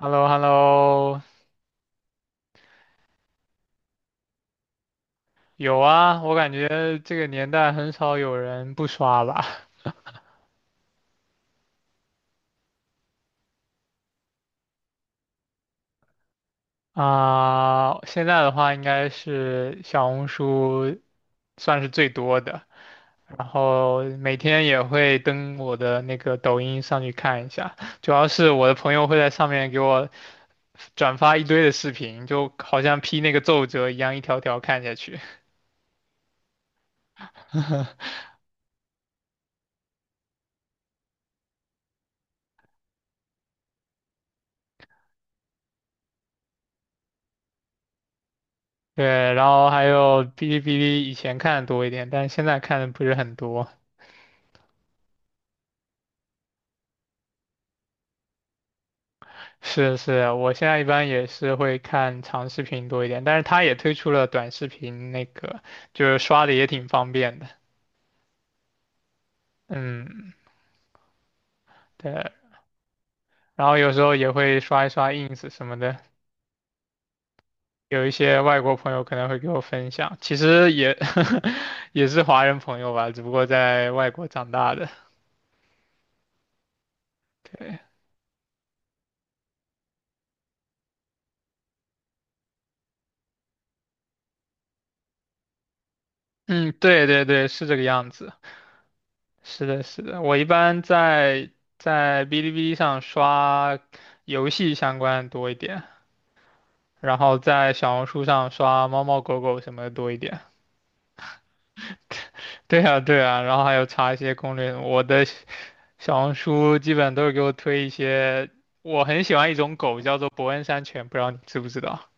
h e l l o h e l l o 有啊，我感觉这个年代很少有人不刷吧。啊、现在的话应该是小红书算是最多的，然后每天也会登我的那个抖音上去看一下，主要是我的朋友会在上面给我转发一堆的视频，就好像批那个奏折一样，一条条看下去。对，然后还有哔哩哔哩，以前看的多一点，但是现在看的不是很多。是啊，我现在一般也是会看长视频多一点，但是它也推出了短视频，那个就是刷的也挺方便的。嗯，对，然后有时候也会刷一刷 ins 什么的，有一些外国朋友可能会给我分享，其实也 也是华人朋友吧，只不过在外国长大的。对，嗯，对对对，是这个样子。是的，是的，我一般在哔哩哔哩上刷游戏相关的多一点。然后在小红书上刷猫猫狗狗什么的多一点。对啊，对啊，然后还有查一些攻略。我的小红书基本都是给我推一些，我很喜欢一种狗叫做伯恩山犬，不知道你知不知道？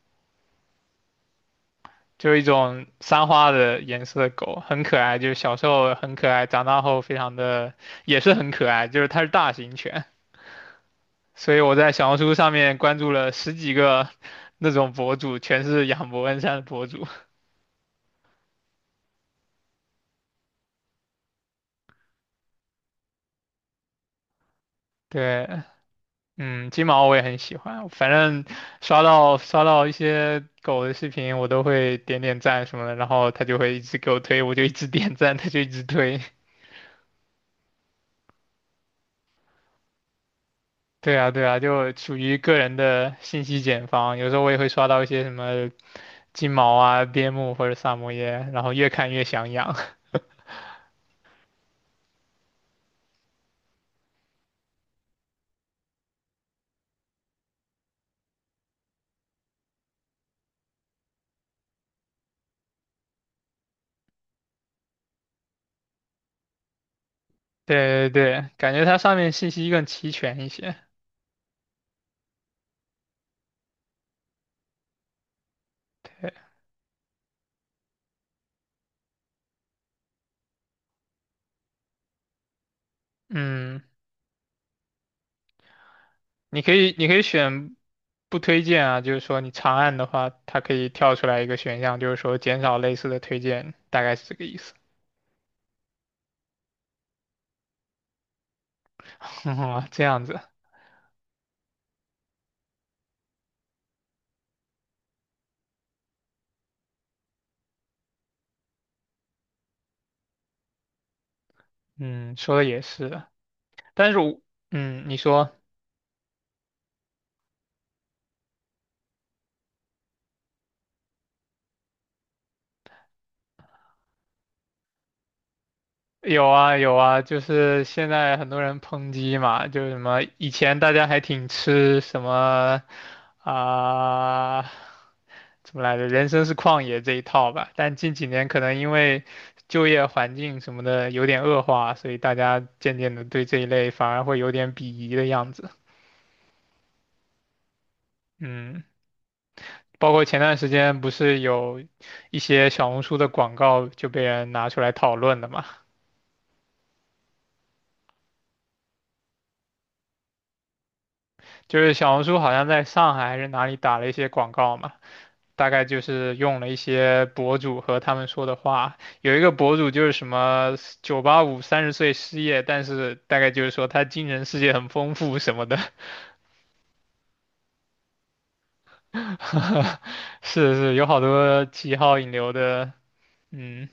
就是一种三花的颜色的狗，很可爱，就是小时候很可爱，长大后非常的也是很可爱，就是它是大型犬。所以我在小红书上面关注了十几个那种博主，全是养伯恩山的博主。对，嗯，金毛我也很喜欢，反正刷到一些狗的视频，我都会点点赞什么的，然后它就会一直给我推，我就一直点赞，它就一直推。对啊，对啊，就属于个人的信息茧房。有时候我也会刷到一些什么金毛啊、边牧或者萨摩耶，然后越看越想养。对对对，感觉它上面信息更齐全一些。对，嗯，你可以选不推荐啊，就是说你长按的话，它可以跳出来一个选项，就是说减少类似的推荐，大概是这个意思。这样子，嗯，说的也是，但是我，嗯，你说。有啊有啊，就是现在很多人抨击嘛，就是什么以前大家还挺吃什么啊、怎么来着，人生是旷野这一套吧，但近几年可能因为就业环境什么的有点恶化，所以大家渐渐的对这一类反而会有点鄙夷的样子。嗯，包括前段时间不是有一些小红书的广告就被人拿出来讨论的嘛，就是小红书好像在上海还是哪里打了一些广告嘛。大概就是用了一些博主和他们说的话，有一个博主就是什么98530岁失业，但是大概就是说他精神世界很丰富什么的，是有好多七号引流的，嗯，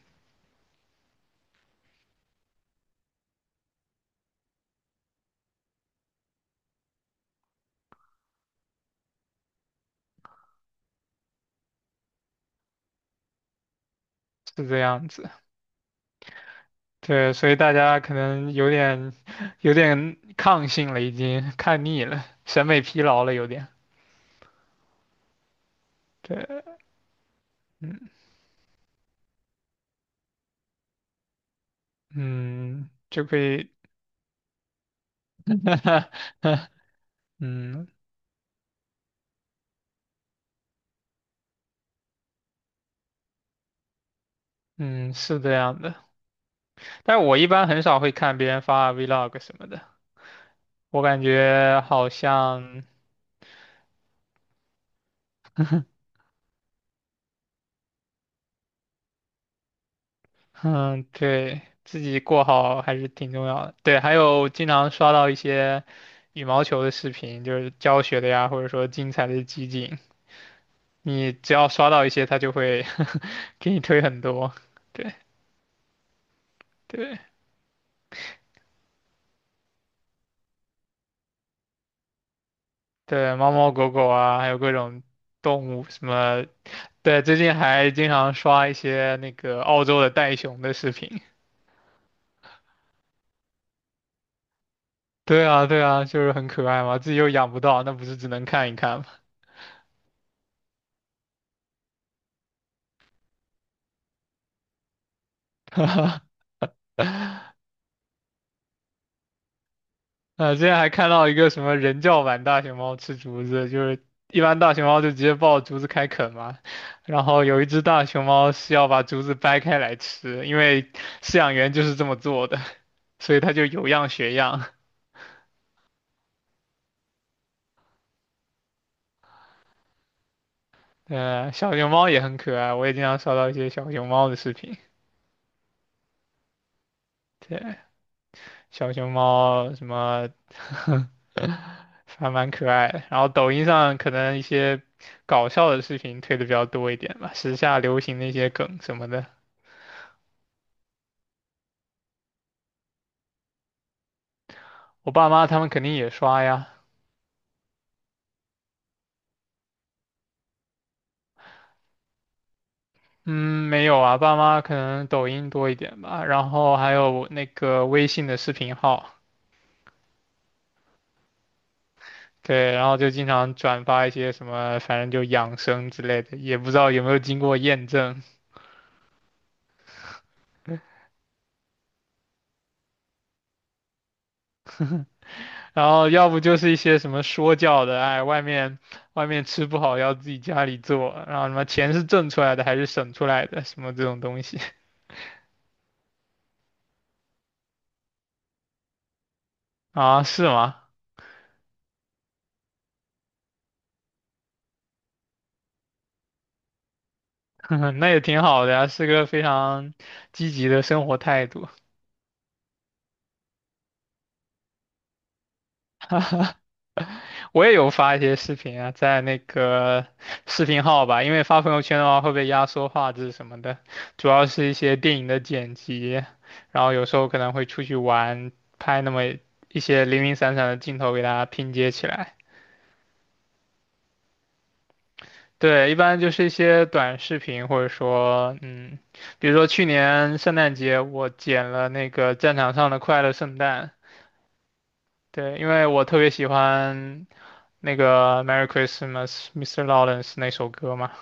是这样子，对，所以大家可能有点抗性了，已经看腻了，审美疲劳了，有点，对，嗯，就可以，嗯嗯，是这样的。但我一般很少会看别人发 vlog 什么的，我感觉好像，嗯，对，自己过好还是挺重要的。对，还有经常刷到一些羽毛球的视频，就是教学的呀，或者说精彩的集锦，你只要刷到一些，他就会 给你推很多。对对对，猫猫狗狗啊，还有各种动物什么。对，最近还经常刷一些那个澳洲的袋熊的视频。对啊，对啊，就是很可爱嘛，自己又养不到，那不是只能看一看吗？啊，之前还看到一个什么人教版大熊猫吃竹子，就是一般大熊猫就直接抱竹子开啃嘛，然后有一只大熊猫是要把竹子掰开来吃，因为饲养员就是这么做的，所以它就有样学样。呃，小熊猫也很可爱，我也经常刷到一些小熊猫的视频。对，小熊猫什么 还蛮可爱的。然后抖音上可能一些搞笑的视频推的比较多一点吧，时下流行那些梗什么的，我爸妈他们肯定也刷呀。嗯，没有啊，爸妈可能抖音多一点吧，然后还有我那个微信的视频号，对，然后就经常转发一些什么，反正就养生之类的，也不知道有没有经过验证。然后要不就是一些什么说教的，哎，外面吃不好要自己家里做，然后什么钱是挣出来的还是省出来的，什么这种东西 啊，是吗？那也挺好的呀，是个非常积极的生活态度。我也有发一些视频啊，在那个视频号吧，因为发朋友圈的话会被压缩画质什么的，主要是一些电影的剪辑，然后有时候可能会出去玩，拍那么一些零零散散的镜头给大家拼接起来。对，一般就是一些短视频，或者说，嗯，比如说去年圣诞节，我剪了那个战场上的快乐圣诞。对，因为我特别喜欢那个《Merry Christmas, Mr. Lawrence》那首歌嘛。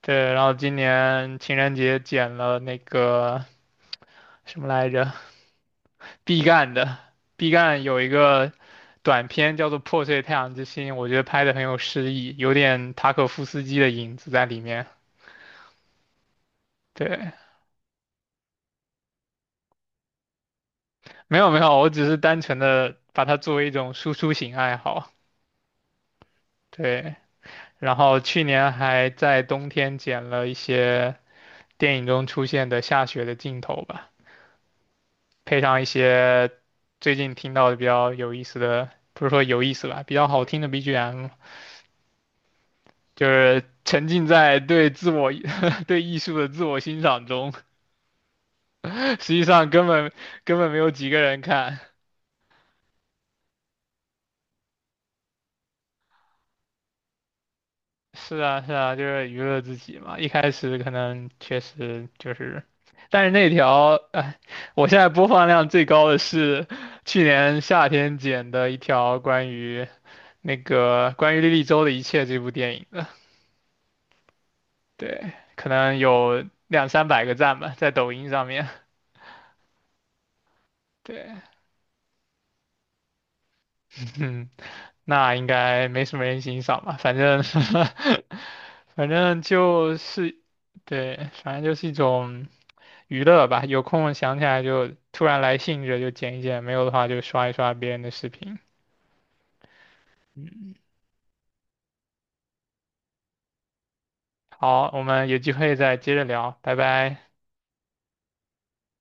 对，然后今年情人节剪了那个什么来着，毕赣的。毕赣有一个短片叫做《破碎太阳之心》，我觉得拍的很有诗意，有点塔可夫斯基的影子在里面。对。没有没有，我只是单纯的把它作为一种输出型爱好。对，然后去年还在冬天剪了一些电影中出现的下雪的镜头吧，配上一些最近听到的比较有意思的，不是说有意思吧，比较好听的 BGM,就是沉浸在对自我 对艺术的自我欣赏中。实际上根本没有几个人看。是啊，是啊，就是娱乐自己嘛。一开始可能确实就是，但是那条，哎，我现在播放量最高的是去年夏天剪的一条关于那个关于莉莉周的一切这部电影的，对，可能有2、300个赞吧，在抖音上面。对，嗯，那应该没什么人欣赏吧，反正，反正就是，对，反正就是一种。娱乐吧，有空想起来就突然来兴致就剪一剪，没有的话就刷一刷别人的视频。嗯，好，我们有机会再接着聊，拜拜。